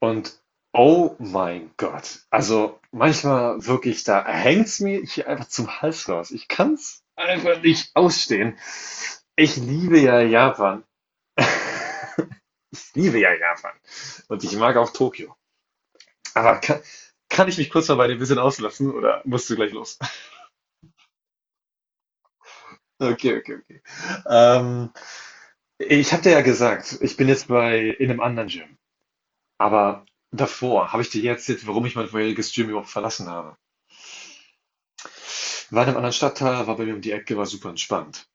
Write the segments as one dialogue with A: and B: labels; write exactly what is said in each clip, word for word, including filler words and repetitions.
A: Und oh mein Gott, also manchmal wirklich, da hängt's mir hier einfach zum Hals raus. Ich kann's einfach nicht ausstehen. Ich liebe ja Japan. Ich liebe ja Japan. Und ich mag auch Tokio. Aber kann, kann ich mich kurz mal bei dir ein bisschen auslassen oder musst du gleich los? Okay, okay, okay. Ähm, Ich habe dir ja gesagt, ich bin jetzt bei in einem anderen Gym. Aber davor habe ich dir jetzt jetzt, warum ich mein vorheriges Gym überhaupt verlassen habe. War in einem anderen Stadtteil, war bei mir um die Ecke, war super entspannt.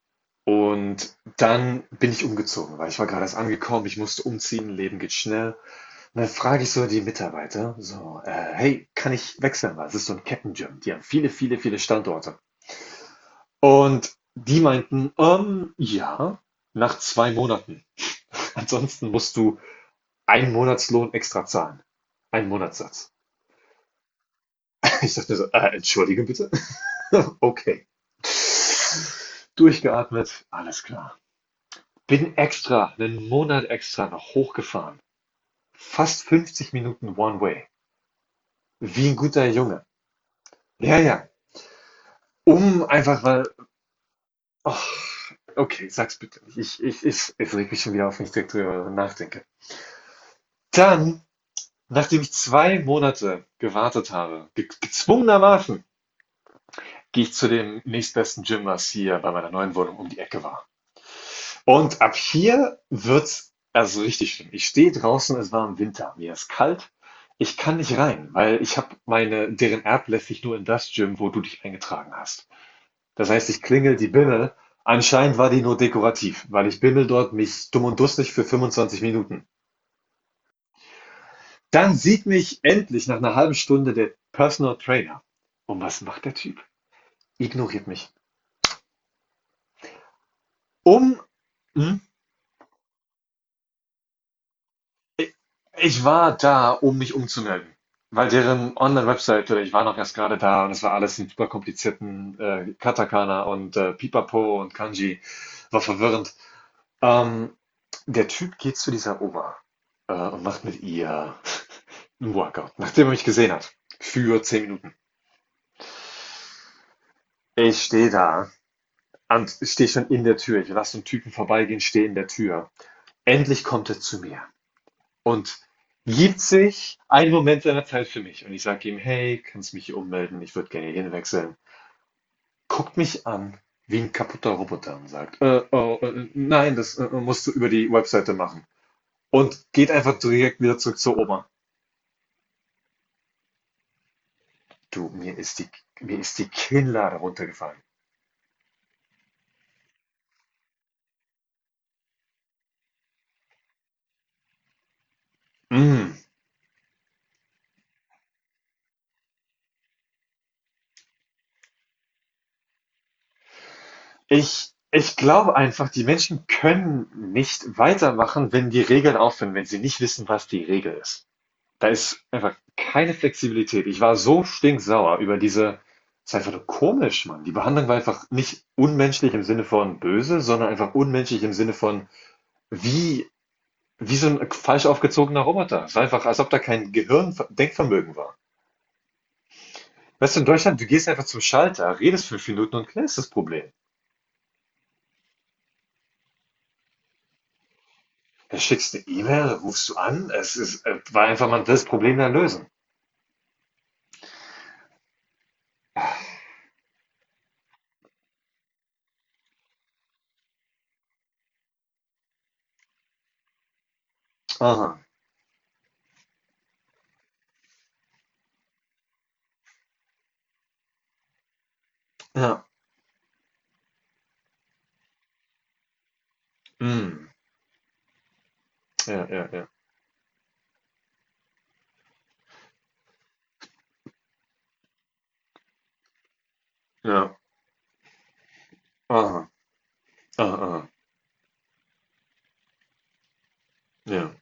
A: Und dann bin ich umgezogen, weil ich war gerade erst angekommen, ich musste umziehen, Leben geht schnell. Und dann frage ich so die Mitarbeiter, so, äh, hey, kann ich wechseln? Weil es ist so ein Kettenjump, die haben viele, viele, viele Standorte. Und die meinten, ähm, ja, nach zwei Monaten. Ansonsten musst du einen Monatslohn extra zahlen. Einen Monatssatz. Ich dachte mir so, äh, entschuldige bitte. Okay. Durchgeatmet, alles klar. Bin extra, einen Monat extra noch hochgefahren. Fast fünfzig Minuten One Way. Wie ein guter Junge. Ja, ja. Um einfach mal. Oh, okay, sag's bitte nicht. Ich ich es es regt mich schon wieder auf, wenn ich direkt drüber nachdenke. Dann, nachdem ich zwei Monate gewartet habe, ge gezwungenermaßen, gehe ich zu dem nächstbesten Gym, was hier bei meiner neuen Wohnung um die Ecke war. Und ab hier wird's also richtig schlimm. Ich stehe draußen, es war im Winter, mir ist kalt. Ich kann nicht rein, weil ich habe meine, deren App lässt sich nur in das Gym, wo du dich eingetragen hast. Das heißt, ich klingel die Bimmel. Anscheinend war die nur dekorativ, weil ich bimmel dort mich dumm und dusselig für fünfundzwanzig Minuten. Dann sieht mich endlich nach einer halben Stunde der Personal Trainer. Und was macht der Typ? Ignoriert mich. Um, hm, Ich war da, um mich umzumelden, weil deren Online-Webseite, ich war noch erst gerade da und es war alles in überkomplizierten, äh, Katakana und, äh, Pipapo und Kanji. War verwirrend. Ähm, Der Typ geht zu dieser Oma, äh, und macht mit ihr 'n Workout, nachdem er mich gesehen hat, für zehn Minuten. Ich stehe da und stehe schon in der Tür. Ich lasse 'n Typen vorbeigehen, stehe in der Tür. Endlich kommt er zu mir und gibt sich einen Moment seiner Zeit für mich. Und ich sage ihm, hey, kannst mich hier ummelden? Ich würde gerne hier wechseln. Guckt mich an wie ein kaputter Roboter und sagt, äh, oh, äh, nein, das äh, musst du über die Webseite machen. Und geht einfach direkt wieder zurück zur Oma. Du, mir ist die, mir ist die Kinnlade runtergefallen. Mm. Ich, ich glaube einfach, die Menschen können nicht weitermachen, wenn die Regeln aufhören, wenn sie nicht wissen, was die Regel ist. Da ist einfach keine Flexibilität. Ich war so stinksauer über diese. Es ist einfach nur komisch, Mann. Die Behandlung war einfach nicht unmenschlich im Sinne von böse, sondern einfach unmenschlich im Sinne von, wie, wie so ein falsch aufgezogener Roboter. Es war einfach, als ob da kein Gehirn-Denkvermögen war. Weißt du, in Deutschland, du gehst einfach zum Schalter, redest fünf Minuten und klärst das Problem. Da schickst du eine E-Mail, rufst du an. Es ist, äh, war einfach mal das Problem dann lösen. Aha. Ja. Mm. Ja, ja, ja. Ja. Aha. Aha. Aha. Ja.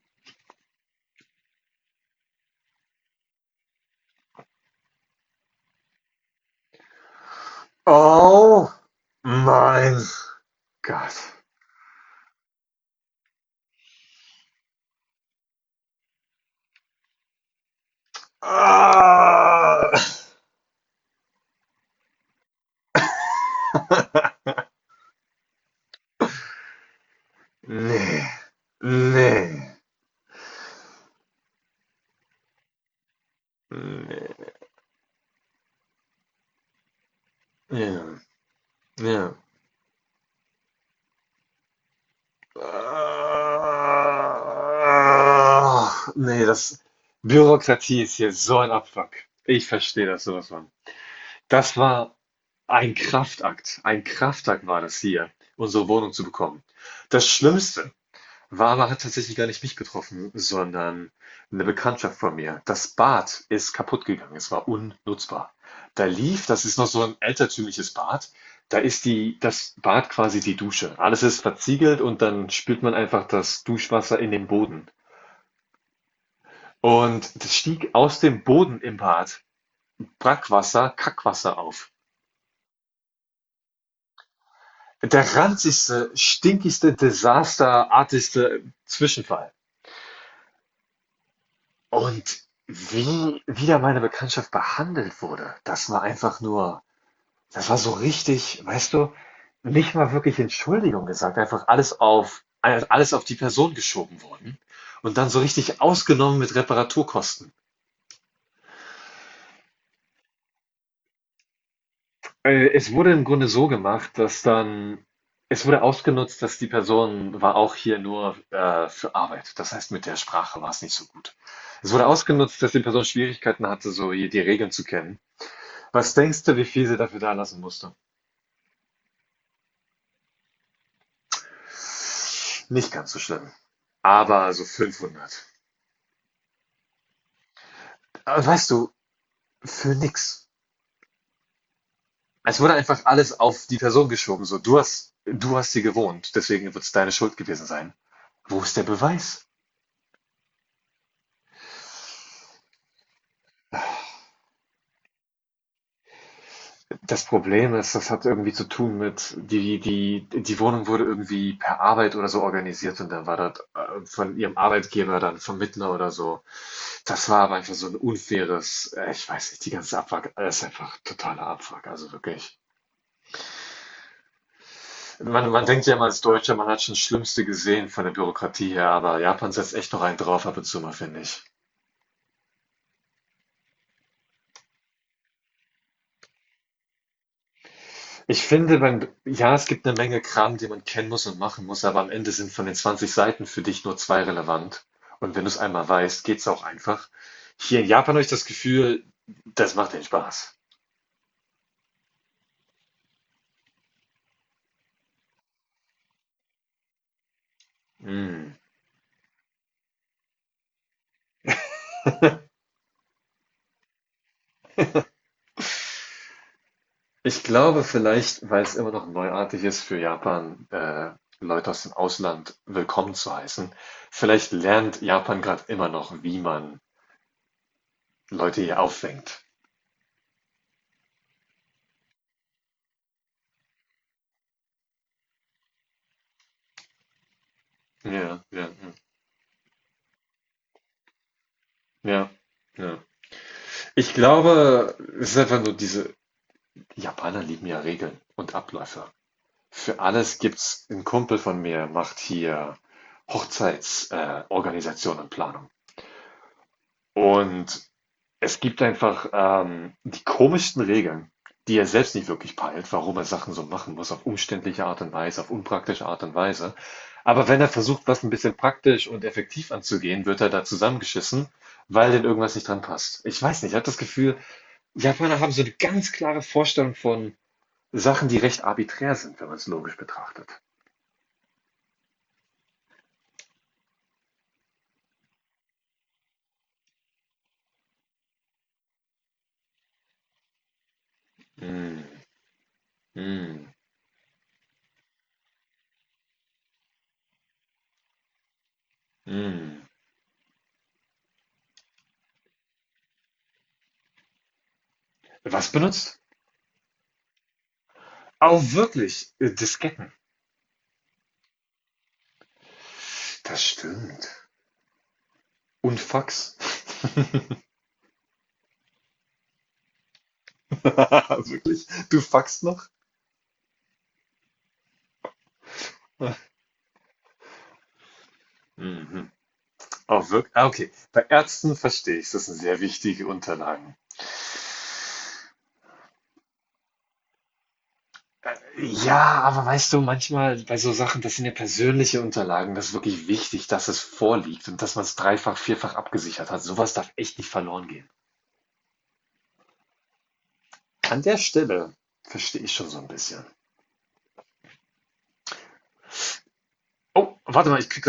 A: Oh mein Gott! Ah, nee, nee, nee, ja, ja. Ah, nee, das Bürokratie ist hier so ein Abfuck. Ich verstehe das sowas von. Das war ein Kraftakt. Ein Kraftakt war das hier, unsere Wohnung zu bekommen. Das Schlimmste. Wawa hat tatsächlich gar nicht mich getroffen, sondern eine Bekanntschaft von mir. Das Bad ist kaputt gegangen, es war unnutzbar. Da lief, das ist noch so ein altertümliches Bad, da ist die, das Bad quasi die Dusche. Alles ist verziegelt und dann spült man einfach das Duschwasser in den Boden. Und das stieg aus dem Boden im Bad Brackwasser, Kackwasser auf. Der ranzigste, stinkigste, desasterartigste Zwischenfall. Und wie wieder meine Bekanntschaft behandelt wurde, das war einfach nur, das war so richtig, weißt du, nicht mal wirklich Entschuldigung gesagt, einfach alles auf alles auf die Person geschoben worden und dann so richtig ausgenommen mit Reparaturkosten. Äh, es wurde im Grunde so gemacht, dass dann es wurde ausgenutzt, dass die Person war auch hier nur, äh, für Arbeit. Das heißt, mit der Sprache war es nicht so gut. Es wurde ausgenutzt, dass die Person Schwierigkeiten hatte, so hier die Regeln zu kennen. Was denkst du, wie viel sie dafür da lassen musste? Nicht ganz so schlimm. Aber so fünfhundert. Aber weißt du, für nix. Es wurde einfach alles auf die Person geschoben. So, du hast, du hast sie gewohnt, deswegen wird es deine Schuld gewesen sein. Wo ist der Beweis? Das Problem ist, das hat irgendwie zu tun mit, die die die Wohnung wurde irgendwie per Arbeit oder so organisiert und dann war das, äh, von ihrem Arbeitgeber dann Vermittler oder so. Das war aber einfach so ein unfaires, äh, ich weiß nicht, die ganze Abfuck, äh, ist einfach totaler Abfuck, also wirklich. Man man denkt ja mal als Deutscher, man hat schon das Schlimmste gesehen von der Bürokratie her, aber Japan setzt echt noch einen drauf ab und zu mal, finde ich. Ich finde, man, ja, es gibt eine Menge Kram, den man kennen muss und machen muss, aber am Ende sind von den zwanzig Seiten für dich nur zwei relevant. Und wenn du es einmal weißt, geht's auch einfach. Hier in Japan habe ich das Gefühl, das macht den Spaß. Mm. Ich glaube vielleicht, weil es immer noch neuartig ist für Japan, äh, Leute aus dem Ausland willkommen zu heißen. Vielleicht lernt Japan gerade immer noch, wie man Leute hier auffängt. Ja, ja, ja, ja, ja. Ich glaube, es ist einfach nur diese. Die Japaner lieben ja Regeln und Abläufe. Für alles gibt's, 'n Kumpel von mir macht hier Hochzeits, äh, Organisation und Planung. Und es gibt einfach, ähm, die komischsten Regeln, die er selbst nicht wirklich peilt, warum er Sachen so machen muss, auf umständliche Art und Weise, auf unpraktische Art und Weise. Aber wenn er versucht, was ein bisschen praktisch und effektiv anzugehen, wird er da zusammengeschissen, weil denen irgendwas nicht dran passt. Ich weiß nicht, ich habe das Gefühl, Japaner haben so eine ganz klare Vorstellung von Sachen, die recht arbiträr sind, wenn man es logisch betrachtet. Hm. Hm. Hm. Was benutzt? Oh, wirklich? Äh, Disketten. Das stimmt. Und Fax. Wirklich? Du faxst noch? Mhm. Oh, wirklich? Ah, okay. Bei Ärzten verstehe ich, das sind sehr wichtige Unterlagen. Äh, Ja, aber weißt du, manchmal bei so Sachen, das sind ja persönliche Unterlagen, das ist wirklich wichtig, dass es vorliegt und dass man es dreifach, vierfach abgesichert hat. Sowas darf echt nicht verloren gehen. An der Stelle verstehe ich schon so ein bisschen. Oh, warte mal, ich krieg